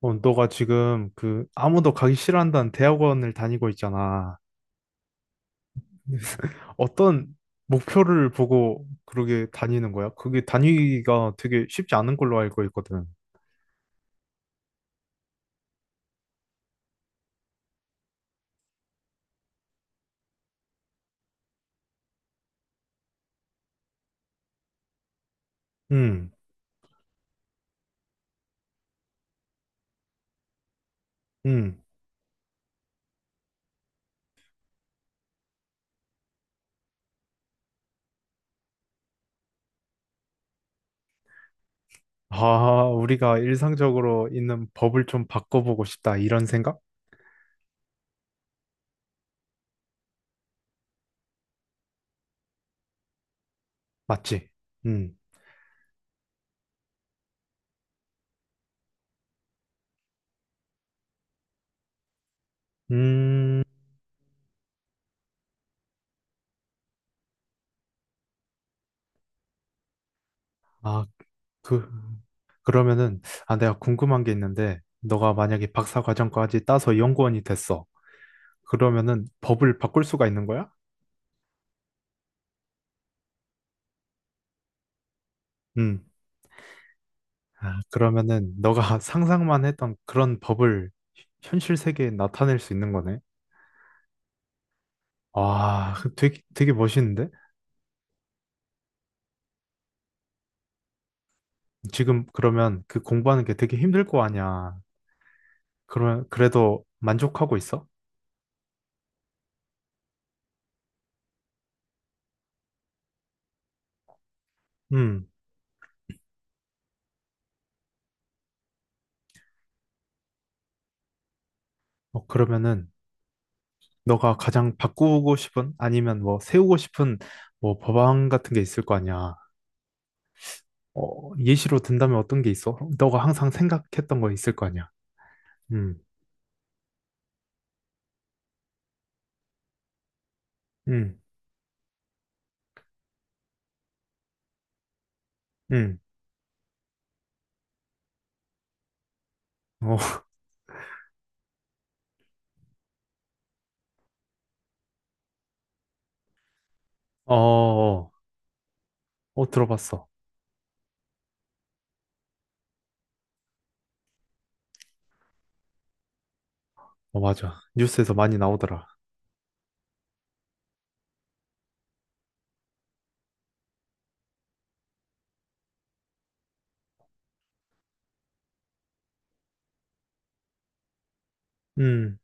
어, 너가 지금 그 아무도 가기 싫어한다는 대학원을 다니고 있잖아. 어떤 목표를 보고 그러게 다니는 거야? 그게 다니기가 되게 쉽지 않은 걸로 알고 있거든. 음, 음. 아, 우리가 일상적으로 있는 법을 좀 바꿔보고 싶다. 이런 생각? 맞지? 음, 음. 아, 그, 그러면은, 아, 내가 궁금한 게 있는데, 너가 만약에 박사 과정까지 따서 연구원이 됐어. 그러면은 법을 바꿀 수가 있는 거야? 음. 아, 그러면은 너가 상상만 했던 그런 법을 현실 세계에 나타낼 수 있는 거네. 와, 그 되게 되게 멋있는데? 지금 그러면 그 공부하는 게 되게 힘들 거 아니야. 그러면 그래도 만족하고 있어? 음. 어, 그러면은 너가 가장 바꾸고 싶은 아니면 뭐 세우고 싶은 뭐 법안 같은 게 있을 거 아니야. 어, 예시로 든다면 어떤 게 있어? 너가 항상 생각했던 거 있을 거 아니야. 음. 음. 음. 어. 어. 어, 어, 들어봤어. 어, 맞아. 뉴스에서 많이 나오더라. 음.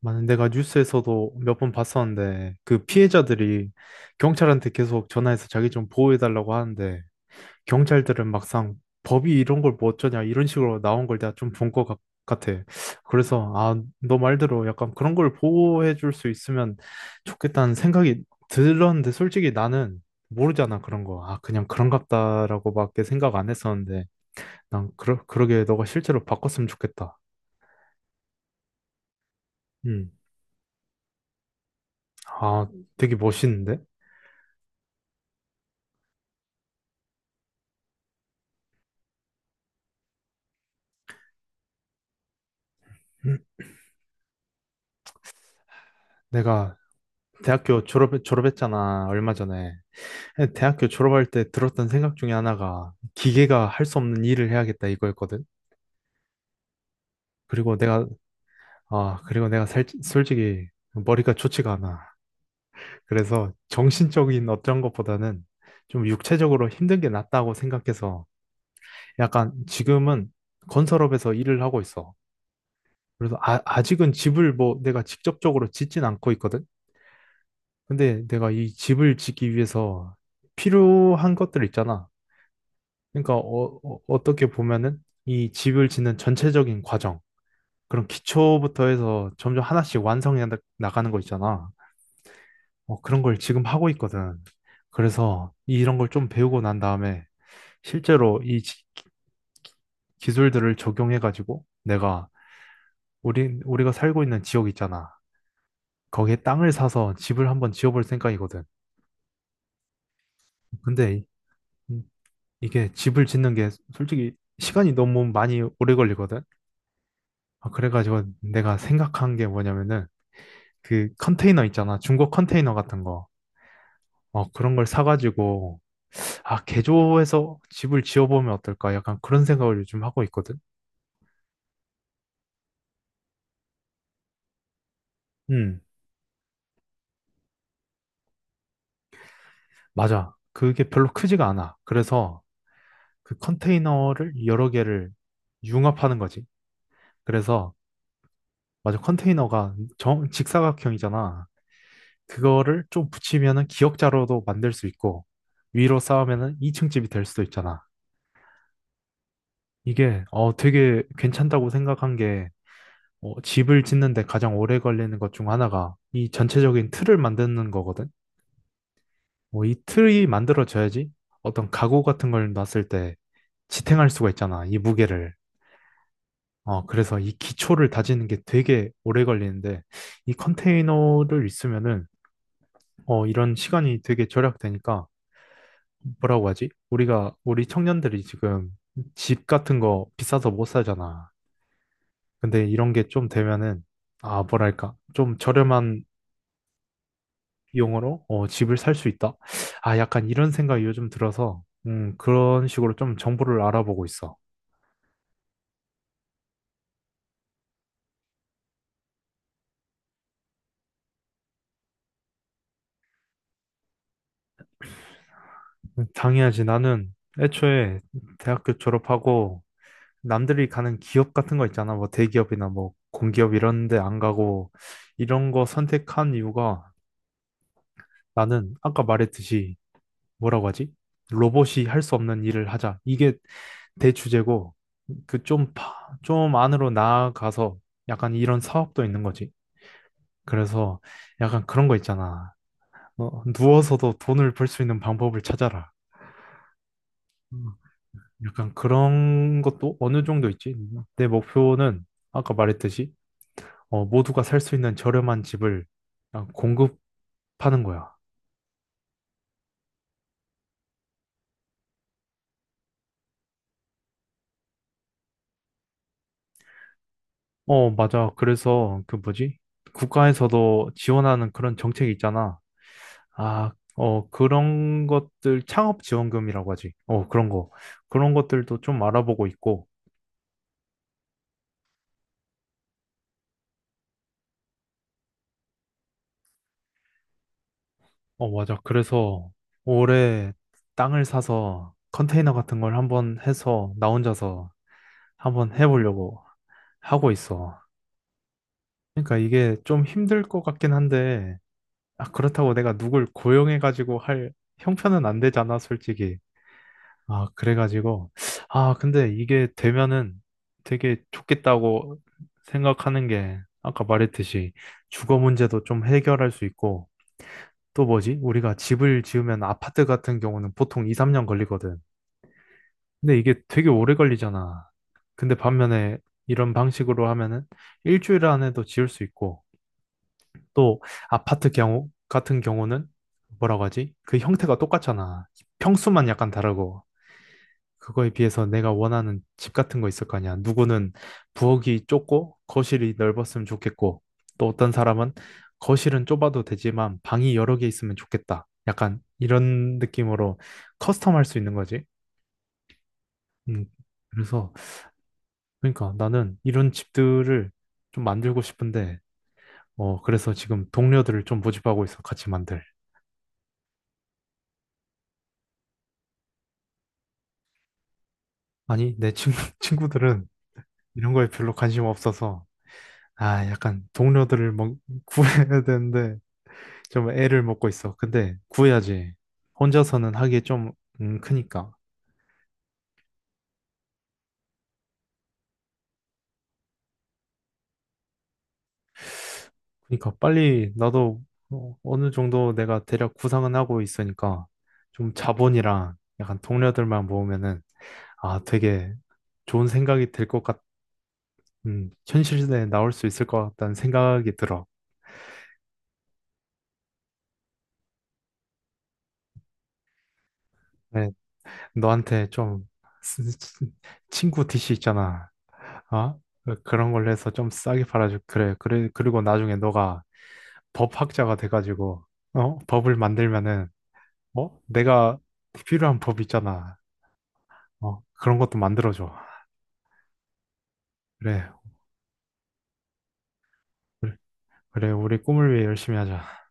많은 내가 뉴스에서도 몇 번 봤었는데 그 피해자들이 경찰한테 계속 전화해서 자기 좀 보호해달라고 하는데 경찰들은 막상 법이 이런 걸 뭐 어쩌냐 이런 식으로 나온 걸 내가 좀 본 것 같아. 그래서 아, 너 말대로 약간 그런 걸 보호해 줄 수 있으면 좋겠다는 생각이 들었는데 솔직히 나는 모르잖아 그런 거. 아, 그냥 그런갑다라고밖에 생각 안 했었는데 난 그러게 너가 실제로 바꿨으면 좋겠다. 아, 되게 멋있는데? 응? 내가 대학교 졸업했잖아, 얼마 전에. 대학교 졸업할 때 들었던 생각 중에 하나가 기계가 할 수 없는 일을 해야겠다 이거였거든. 그리고 내가, 아, 그리고 내가 살, 솔직히 머리가 좋지가 않아. 그래서 정신적인 어떤 것보다는 좀 육체적으로 힘든 게 낫다고 생각해서 약간 지금은 건설업에서 일을 하고 있어. 그래서 아, 아직은 집을 뭐 내가 직접적으로 짓진 않고 있거든. 근데 내가 이 집을 짓기 위해서 필요한 것들 있잖아. 그러니까 어, 떻게 보면은 이 집을 짓는 전체적인 과정, 그런 기초부터 해서 점점 하나씩 완성해 나가는 거 있잖아. 어, 그런 걸 지금 하고 있거든. 그래서 이런 걸 좀 배우고 난 다음에 실제로 이 기술들을 적용해가지고 내가 우리가 살고 있는 지역 있잖아. 거기에 땅을 사서 집을 한번 지어볼 생각이거든. 근데 이게 집을 짓는 게 솔직히 시간이 너무 많이 오래 걸리거든. 아, 그래가지고 내가 생각한 게 뭐냐면은 그 컨테이너 있잖아. 중고 컨테이너 같은 거. 어, 그런 걸 사가지고 아, 개조해서 집을 지어보면 어떨까? 약간 그런 생각을 요즘 하고 있거든. 음, 맞아. 그게 별로 크지가 않아. 그래서 그 컨테이너를 여러 개를 융합하는 거지. 그래서 맞아. 컨테이너가 직사각형이잖아. 그거를 좀 붙이면은 기억자료도 만들 수 있고 위로 쌓으면은 2층 집이 될 수도 있잖아. 이게 되게 괜찮다고 생각한 게 어, 집을 짓는데 가장 오래 걸리는 것 중 하나가 이 전체적인 틀을 만드는 거거든. 어, 이 틀이 만들어져야지 어떤 가구 같은 걸 놨을 때 지탱할 수가 있잖아. 이 무게를. 어, 그래서 이 기초를 다지는 게 되게 오래 걸리는데 이 컨테이너를 있으면은 어, 이런 시간이 되게 절약되니까 뭐라고 하지? 우리 청년들이 지금 집 같은 거 비싸서 못 사잖아. 근데 이런 게 좀 되면은, 아, 뭐랄까. 좀 저렴한 비용으로 어, 집을 살 수 있다? 아, 약간 이런 생각이 요즘 들어서, 그런 식으로 좀 정보를 알아보고 있어. 당연하지. 나는 애초에 대학교 졸업하고 남들이 가는 기업 같은 거 있잖아. 뭐 대기업이나 뭐 공기업 이런 데 안 가고 이런 거 선택한 이유가 나는 아까 말했듯이 뭐라고 하지? 로봇이 할 수 없는 일을 하자. 이게 대주제고, 그 좀, 좀 안으로 나아가서 약간 이런 사업도 있는 거지. 그래서 약간 그런 거 있잖아. 어, 누워서도 돈을 벌 수 있는 방법을 찾아라. 음, 약간 그런 것도 어느 정도 있지. 내 목표는 아까 말했듯이, 어, 모두가 살 수 있는 저렴한 집을 어, 공급하는 거야. 어, 맞아. 그래서 그 뭐지? 국가에서도 지원하는 그런 정책이 있잖아. 그런 것들, 창업 지원금이라고 하지. 어, 그런 거. 그런 것들도 좀 알아보고 있고. 어, 맞아. 그래서 올해 땅을 사서 컨테이너 같은 걸 한번 해서 나 혼자서 한번 해보려고 하고 있어. 그러니까 이게 좀 힘들 것 같긴 한데, 아, 그렇다고 내가 누굴 고용해가지고 할 형편은 안 되잖아, 솔직히. 아, 그래가지고, 아, 근데 이게 되면은 되게 좋겠다고 생각하는 게, 아까 말했듯이 주거 문제도 좀 해결할 수 있고, 또 뭐지? 우리가 집을 지으면 아파트 같은 경우는 보통 2, 3년 걸리거든. 근데 이게 되게 오래 걸리잖아. 근데 반면에 이런 방식으로 하면은 일주일 안에도 지을 수 있고, 또 같은 경우는 뭐라고 하지? 그 형태가 똑같잖아. 평수만 약간 다르고, 그거에 비해서 내가 원하는 집 같은 거 있을 거 아니야. 누구는 부엌이 좁고 거실이 넓었으면 좋겠고, 또 어떤 사람은 거실은 좁아도 되지만 방이 여러 개 있으면 좋겠다. 약간 이런 느낌으로 커스텀할 수 있는 거지. 음, 그래서 그러니까 나는 이런 집들을 좀 만들고 싶은데, 어, 그래서 지금 동료들을 좀 모집하고 있어. 같이 만들. 아니, 내 친구, 친구들은 이런 거에 별로 관심 없어서, 아, 약간 동료들을 뭐 구해야 되는데, 좀 애를 먹고 있어. 근데 구해야지. 혼자서는 하기 좀 크니까. 그러니까 빨리 나도 어, 어느 정도 내가 대략 구상은 하고 있으니까 좀 자본이랑 약간 동료들만 모으면은 아 되게 좋은 생각이 들 것 현실에 나올 수 있을 것 같다는 생각이 들어. 네, 너한테 좀 스- 스- 친구 디시 있잖아. 아 그런 걸로 해서 좀 싸게 팔아줘. 그래. 그래. 그리고 나중에 너가 법학자가 돼가지고 어? 법을 만들면은 어? 내가 필요한 법 있잖아. 어? 그런 것도 만들어줘. 그래. 그래, 우리 꿈을 위해 열심히 하자.